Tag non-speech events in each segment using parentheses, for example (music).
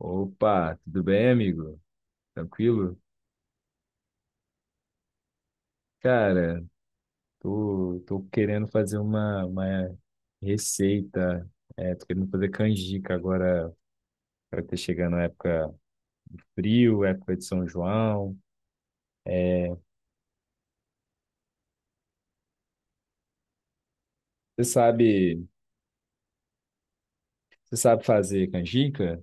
Opa, tudo bem, amigo? Tranquilo? Cara, tô querendo fazer uma receita. Tô querendo fazer canjica agora para ter chegando a época frio, época de São João. É, Você sabe, você sabe fazer canjica?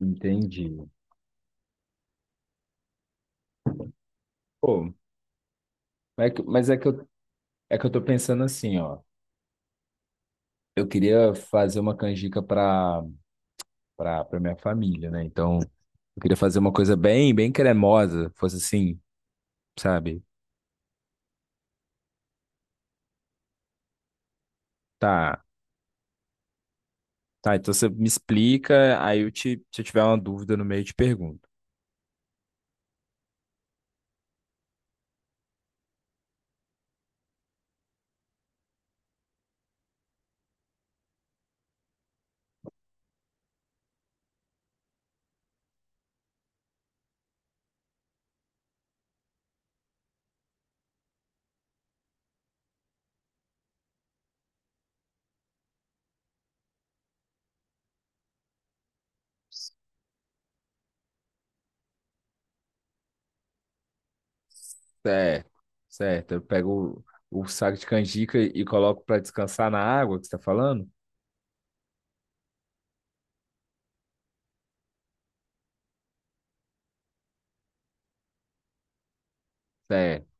Entendi. Pô, mas é que, mas é que eu, é que eu tô pensando assim, ó. Eu queria fazer uma canjica pra minha família, né? Então, eu queria fazer uma coisa bem cremosa, fosse assim, sabe? Tá, tá. Então você me explica, aí eu te, se eu tiver uma dúvida no meio, eu te pergunto. Certo, certo. Eu pego o saco de canjica e coloco para descansar na água que você tá falando? Certo,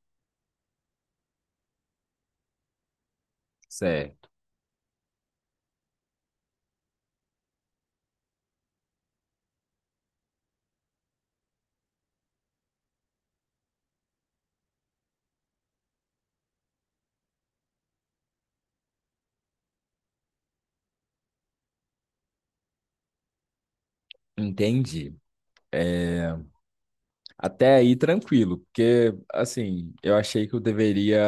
certo. Entendi. É, até aí tranquilo, porque assim, eu achei que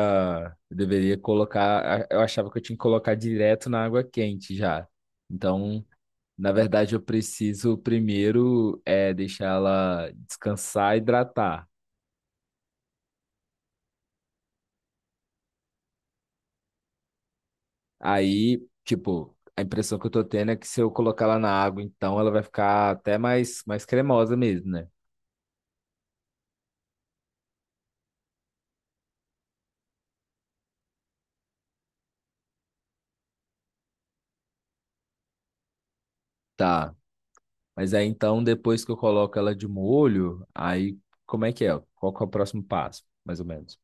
eu deveria colocar, eu achava que eu tinha que colocar direto na água quente já. Então, na verdade, eu preciso primeiro deixar ela descansar, hidratar. Aí, tipo, a impressão que eu tô tendo é que se eu colocar ela na água, então ela vai ficar até mais cremosa mesmo, né? Tá. Mas aí então, depois que eu coloco ela de molho, aí como é que é? Qual que é o próximo passo, mais ou menos?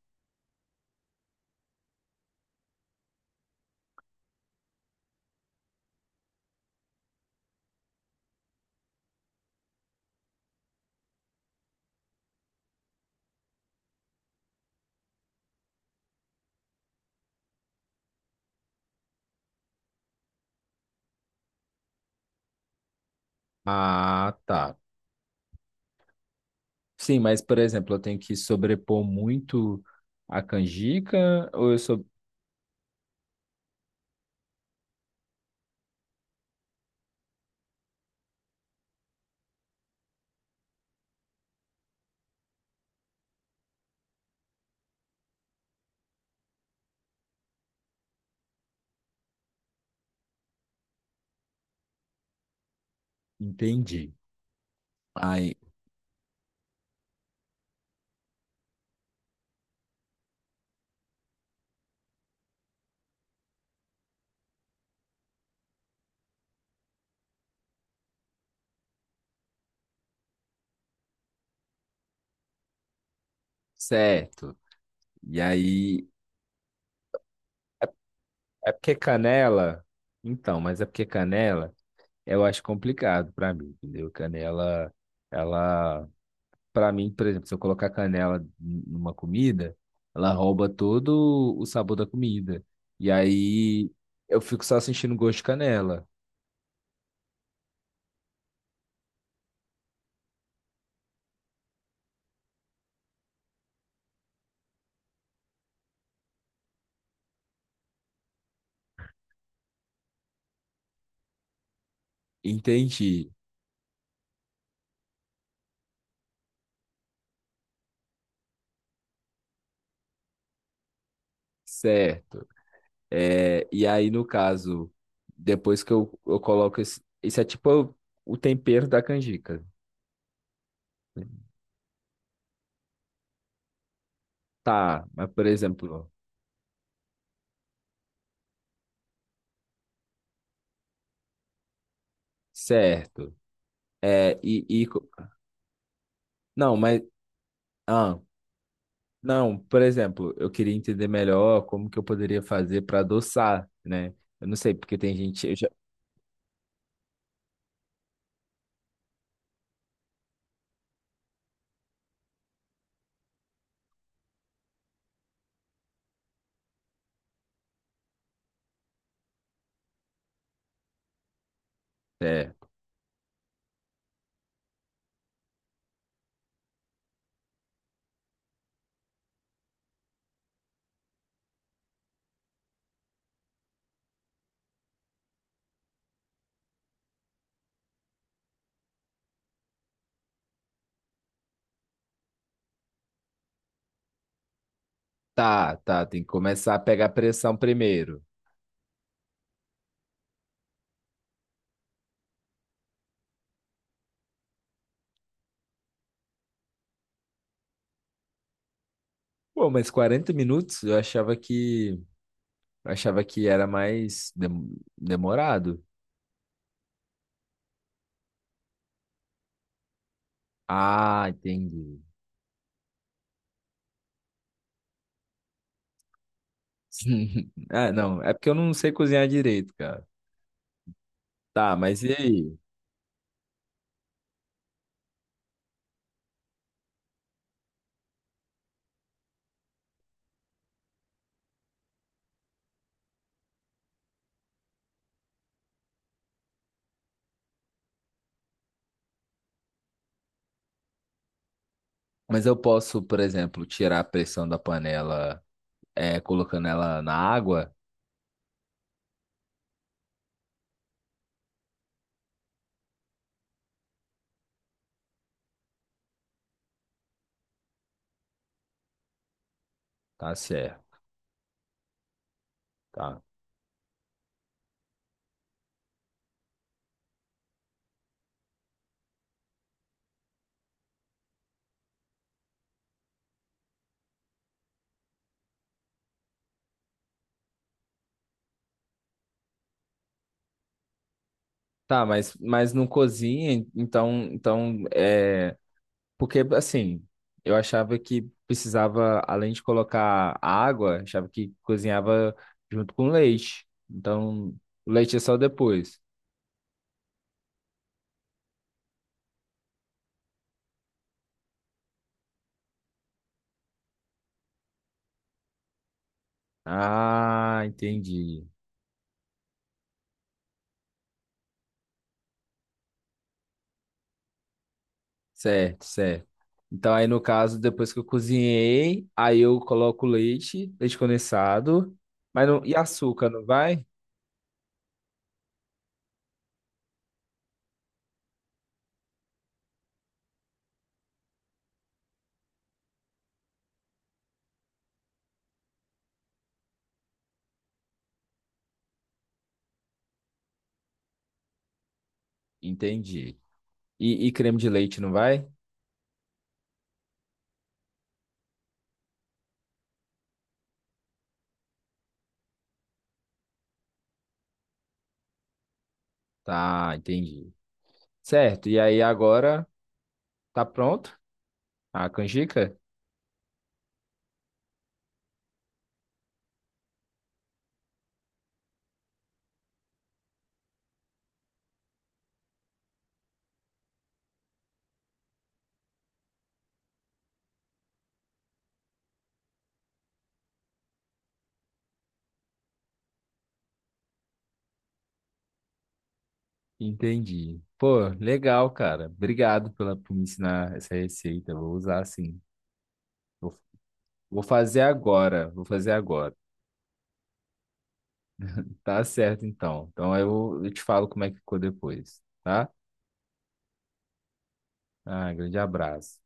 Ah, tá. Sim, mas por exemplo, eu tenho que sobrepor muito a canjica ou eu sou... Entendi. Aí, certo. E aí, é porque canela? Então, mas é porque canela eu acho complicado pra mim, entendeu? Canela, ela, pra mim, por exemplo, se eu colocar numa comida, ela rouba todo o sabor da comida. E aí eu fico só sentindo gosto de canela. Entendi, certo. É, e aí, no caso, depois que eu coloco esse, isso é tipo o tempero da canjica. Né? Tá, mas por exemplo, certo. É, e, e co- não, mas ah. Não, por exemplo, eu queria entender melhor como que eu poderia fazer para adoçar, né? Eu não sei, porque tem gente. Eu já... É, tá, tem que começar a pegar pressão primeiro. Pô, mas 40 minutos eu achava que era mais demorado. Ah, entendi. (laughs) Ah, não, é porque eu não sei cozinhar direito, cara. Tá, mas e aí? Mas eu posso, por exemplo, tirar a pressão da panela, colocando ela na água? Tá certo. Tá. Tá, mas não cozinha, então, então é. Porque, assim, eu achava que precisava, além de colocar água, achava que cozinhava junto com leite. Então, o leite é só depois. Ah, entendi. Certo. Então, aí no caso, depois que eu cozinhei, aí eu coloco leite, leite condensado, mas não, e açúcar, não vai? Entendi. E creme de leite, não vai? Tá, entendi. Certo, e aí agora tá pronto a canjica? Entendi. Pô, legal, cara. Obrigado pela, por me ensinar essa receita. Vou usar assim. Vou, vou fazer agora. Vou fazer agora. Tá certo, então. Então eu te falo como é que ficou depois, tá? Ah, grande abraço.